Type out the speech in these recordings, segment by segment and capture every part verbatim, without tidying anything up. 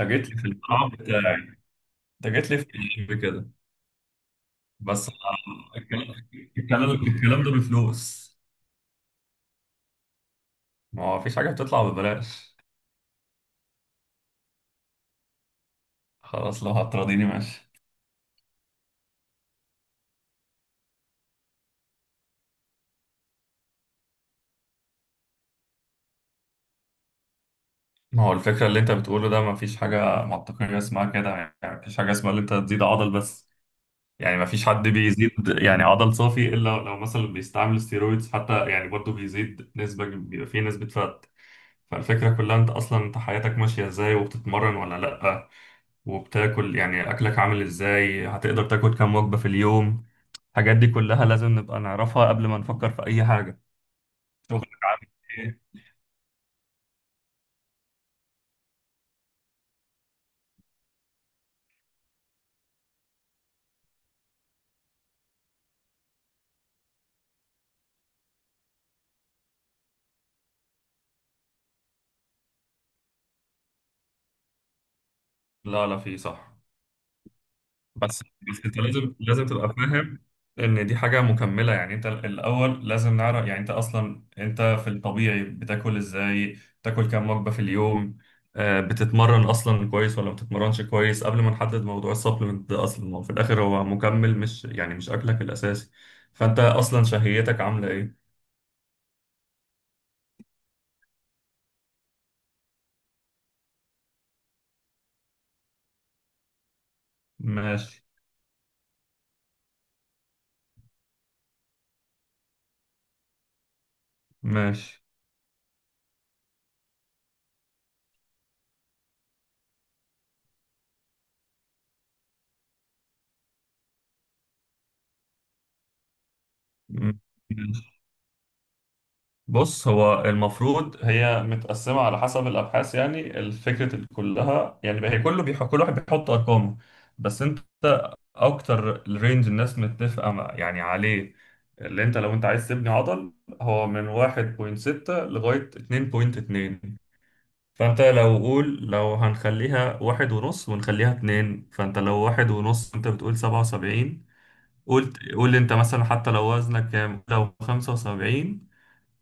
انت جيت لي في القاع بتاعي. انت جيت لي في القلب كده. بس أنا- الكلام الكلام الكلام ده بفلوس. ما هو مفيش حاجه بتطلع ببلاش. خلاص، لو هتراضيني ماشي. ما هو الفكره اللي انت بتقوله ده مفيش حاجه منطقيه اسمها كده. يعني مفيش حاجه اسمها اللي انت تزيد عضل بس. يعني مفيش حد بيزيد يعني عضل صافي الا لو مثلا بيستعمل ستيرويدز، حتى يعني برضه بيزيد نسبه، بيبقى فيه نسبه فات. فالفكره كلها انت اصلا انت حياتك ماشيه ازاي؟ وبتتمرن ولا لا؟ وبتاكل، يعني اكلك عامل ازاي؟ هتقدر تاكل كام وجبة في اليوم؟ الحاجات دي كلها لازم نبقى نعرفها قبل ما نفكر في اي حاجة. شغلك عامل ايه؟ لا، لا، في صح. بس بس انت لازم لازم تبقى فاهم ان دي حاجه مكمله، يعني انت الاول لازم نعرف، يعني انت اصلا انت في الطبيعي بتاكل ازاي؟ بتاكل كام وجبه في اليوم؟ آه، بتتمرن اصلا كويس ولا ما بتتمرنش كويس قبل ما نحدد موضوع السبلمنت ده؟ اصلا ما هو في الاخر هو مكمل، مش يعني مش اكلك الاساسي. فانت اصلا شهيتك عامله ايه؟ ماشي. ماشي. م- بص، هو المفروض هي متقسمة على حسب الأبحاث، يعني الفكرة كلها، يعني هي كله بيح... كل واحد بيحط أرقامه. بس أنت، أكتر الرينج الناس متفقة مع- يعني عليه اللي أنت لو أنت عايز تبني عضل هو من واحد فاصلة ستة لغاية اتنين فاصلة اتنين. فأنت لو قول، لو هنخليها واحد ونص ونخليها اتنين، فأنت لو واحد ونص أنت بتقول سبعة وسبعين. قلت قول أنت مثلا، حتى لو وزنك كام، لو خمسة وسبعين،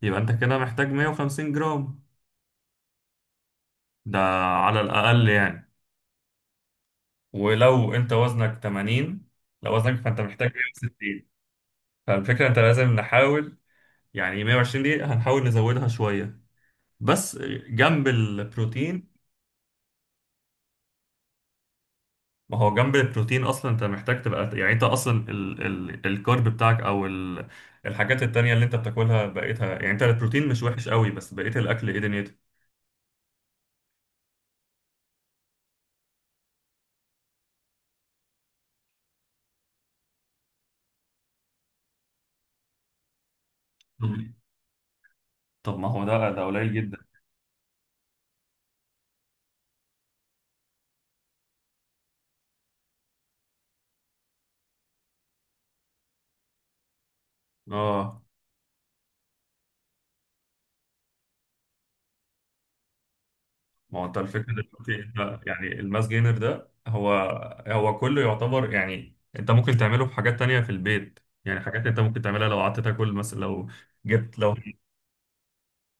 يبقى انت كده محتاج مية وخمسين جرام ده على الأقل يعني. ولو انت وزنك تمانين، لو وزنك فانت محتاج مية وستين. فالفكرة انت لازم نحاول، يعني مية وعشرين دي هنحاول نزودها شوية، بس جنب البروتين. ما هو جنب البروتين اصلا انت محتاج تبقى، يعني انت اصلا ال ال الكارب بتاعك او ال الحاجات التانية اللي انت بتاكلها بقيتها، يعني انت البروتين مش وحش قوي بس بقيت الاكل ايه دنيته. طب طب ما هو ده ده قليل جدا. اه، ما هو انت الفكره دلوقتي انت يعني الماس جينر ده، هو هو كله يعتبر، يعني انت ممكن تعمله في حاجات تانية في البيت. يعني حاجات انت ممكن تعملها لو قعدت تاكل مثلا، لو جبت لو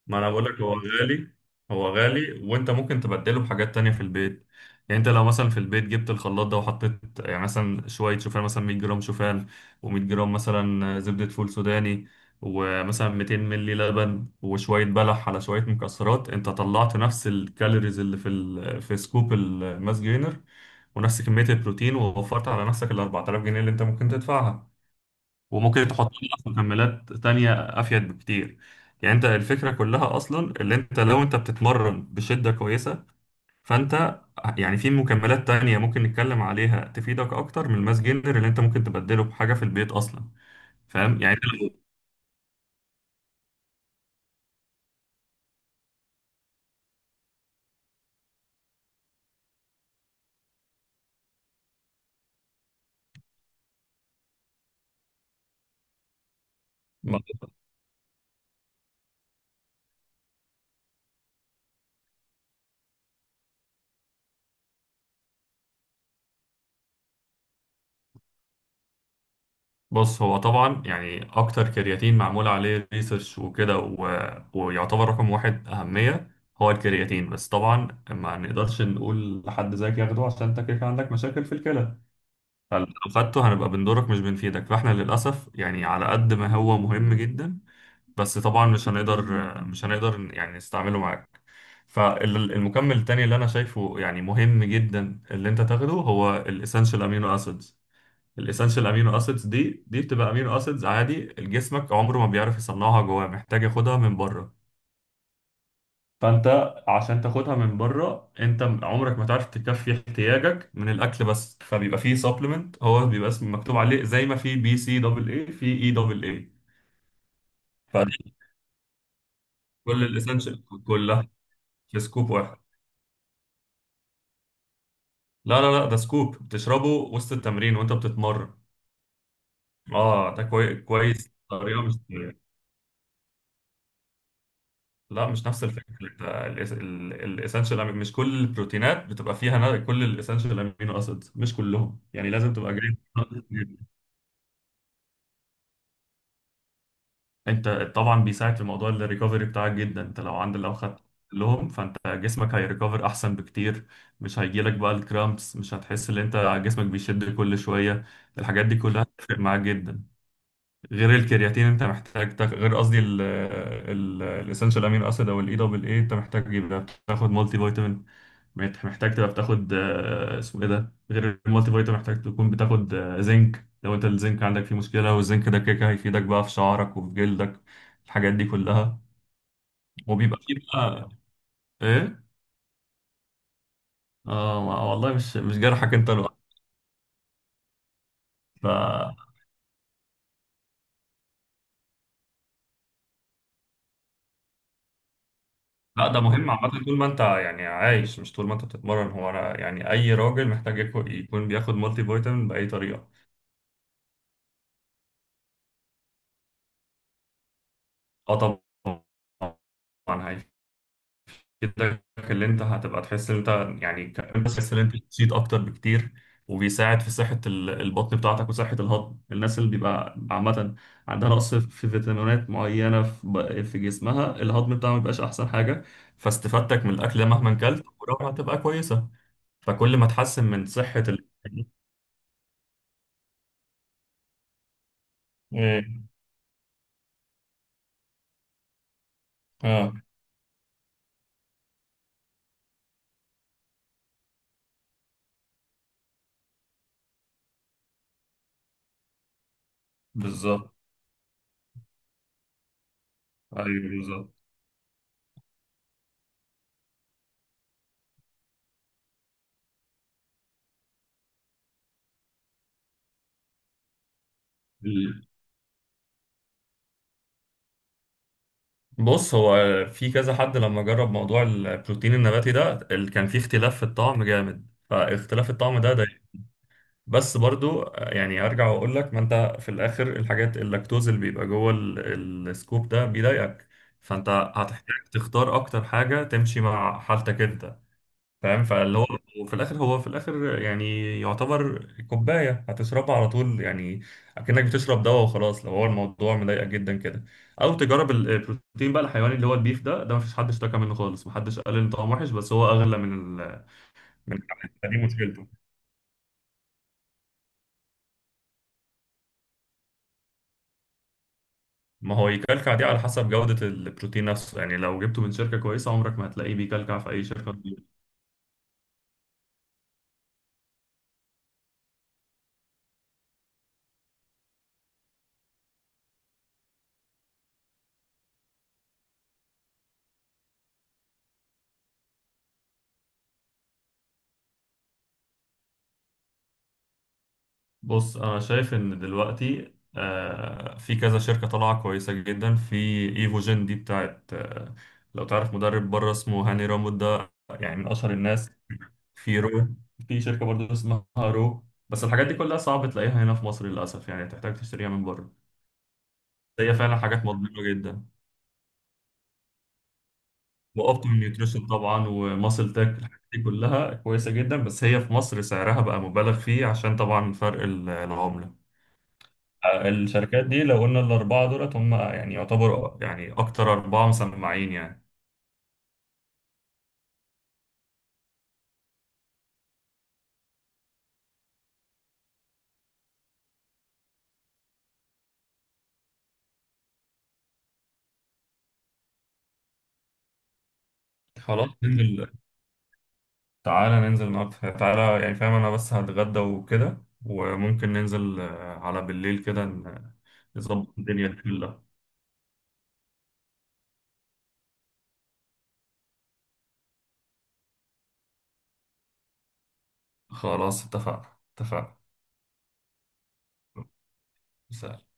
ما انا بقول لك هو غالي. هو غالي وانت ممكن تبدله بحاجات تانية في البيت. يعني انت لو مثلا في البيت جبت الخلاط ده، وحطيت يعني مثلا شوية شوفان، مثلا مية جرام شوفان و100 جرام مثلا زبدة فول سوداني ومثلا ميتين ملي لبن وشوية بلح على شوية مكسرات، انت طلعت نفس الكالوريز اللي في ال... في سكوب الماس جينر، ونفس كمية البروتين، ووفرت على نفسك ال اربعة الاف جنيه اللي انت ممكن تدفعها، وممكن تحط لها مكملات تانية أفيد بكتير. يعني أنت الفكرة كلها أصلا اللي أنت لو أنت بتتمرن بشدة كويسة، فأنت يعني في مكملات تانية ممكن نتكلم عليها تفيدك أكتر من الماس جينر اللي أنت ممكن تبدله بحاجة في البيت أصلا. فاهم يعني أنت لو- ما- بص، هو طبعا يعني أكتر كرياتين معمول عليه ريسيرش وكده و... ويعتبر رقم واحد أهمية هو الكرياتين. بس طبعا ما نقدرش نقول لحد زيك ياخده عشان أنت كده كده عندك مشاكل في الكلى. فلو خدته هنبقى بنضرك مش بنفيدك، فاحنا للأسف يعني على قد ما هو مهم جدا، بس طبعا مش هنقدر مش هنقدر يعني نستعمله معاك. فالمكمل التاني اللي أنا شايفه يعني مهم جدا اللي أنت تاخده هو الإسنشال أمينو أسيدز. الإسنشال أمينو أسيدز دي دي بتبقى أمينو أسيدز عادي، جسمك عمره ما بيعرف يصنعها جواه، محتاج ياخدها من بره. فانت عشان تاخدها من بره، انت عمرك ما تعرف تكفي احتياجك من الاكل بس، فبيبقى فيه سبلمنت، هو بيبقى اسم مكتوب عليه زي ما في بي سي دبل اي، في اي دبل اي، فكل الاسينشال كلها في سكوب واحد. لا، لا، لا، ده سكوب بتشربه وسط التمرين وانت بتتمرن. اه ده كوي... كويس، طريقه مش لا، مش نفس الفكره. الاسينشال، مش كل البروتينات بتبقى فيها نا- كل الاسينشال امينو اسيدز مش كلهم يعني لازم تبقى جاي انت. طبعا بيساعد في موضوع الريكفري بتاعك جدا، انت لو عند لو خدت لهم، فانت جسمك هيريكفر احسن بكتير، مش هيجيلك بقى الكرامبس، مش هتحس ان انت جسمك بيشد كل شويه. الحاجات دي كلها هتفرق معاك جدا. غير الكرياتين انت محتاج تاخ... غير قصدي الاسنشال امين اسيد او الاي دبل اي، انت محتاج يبقى تاخد مالتي فيتامين. مت- محتاج تبقى بتاخد، آه، اسمه ايه ده، غير المالتي فيتامين محتاج تكون بتاخد، آه، زنك، لو انت الزنك عندك فيه مشكلة، والزنك ده كده كده هيفيدك بقى في شعرك وفي جلدك. الحاجات دي كلها وبيبقى فيه بقى ايه. اه، ما- والله مش مش جرحك انت لوحدك. ف لا، ده مهم عامة طول ما انت يعني عايش، مش طول ما انت بتتمرن. هو انا يعني اي راجل محتاج يكو- يكون بياخد مالتي فيتامين بأي طريقة. اه، طبعا. كده اللي انت هتبقى تحس ان انت يعني كمان بتحس ان انت نشيط اكتر بكتير، وبيساعد في صحة ال- البطن بتاعتك وصحة الهضم. الناس اللي بيبقى عامة عندها نقص في فيتامينات معينة في ب- في جسمها، الهضم بتاعها ما بيبقاش احسن حاجة، فاستفادتك من الاكل مهما كلت قدراتها هتبقى كويسة. فكل ما تحسن من صحة ال... ايه. اه، بالظبط. ايوه، بالظبط. بص، هو في كذا حد لما جرب موضوع البروتين النباتي ده، اللي كان فيه اختلاف في الطعم جامد، فاختلاف الطعم ده ده بس برضو يعني ارجع واقول لك، ما انت في الاخر الحاجات، اللاكتوز اللي بيبقى جوه ال- السكوب ده بيضايقك، فانت هتحتاج تختار اكتر حاجة تمشي مع حالتك انت، فاهم؟ فاللي هو وفي الاخر، هو في الاخر، يعني يعتبر كوبايه هتشربها على طول، يعني اكنك بتشرب دواء وخلاص لو هو الموضوع مضايقك جدا كده. او تجرب ال- آه، البروتين بقى الحيواني اللي هو البيف ده ده مفيش حد اشتكى منه خالص، محدش قال ان طعمه وحش، بس هو اغلى من ال من الحاجات دي مشكلته. ما هو يكلكع دي على حسب جوده البروتين نفسه، يعني لو جبته من شركه كويسه عمرك ما هتلاقيه بيكلكع في اي شركه. بص، انا شايف ان دلوقتي، آه، في كذا شركه طالعه كويسه جدا، في ايفوجين دي بتاعت، آه، لو تعرف مدرب بره اسمه هاني رامود ده، يعني من اشهر الناس. في رو في شركه برضو اسمها رو، بس الحاجات دي كلها صعب تلاقيها هنا في مصر للاسف، يعني تحتاج تشتريها من بره. هي فعلا حاجات مضمونه جدا. واوبتيم نيوتريشن طبعا، وماسل تك، الحاجات دي كلها كويسه جدا، بس هي في مصر سعرها بقى مبالغ فيه عشان طبعا فرق العمله. الشركات دي لو قلنا الأربعة دولت، هم يعني يعتبروا يعني أكتر أربعة مسمعين يعني. خلاص، ننزل. تعالى ننزل النهاردة، تعالى، يعني فاهم أنا، بس هتغدى وكده، وممكن ننزل، آه، على بالليل كده ن- نظبط الدنيا دي كلها. خلاص، اتفقنا، اتفقنا. سلام.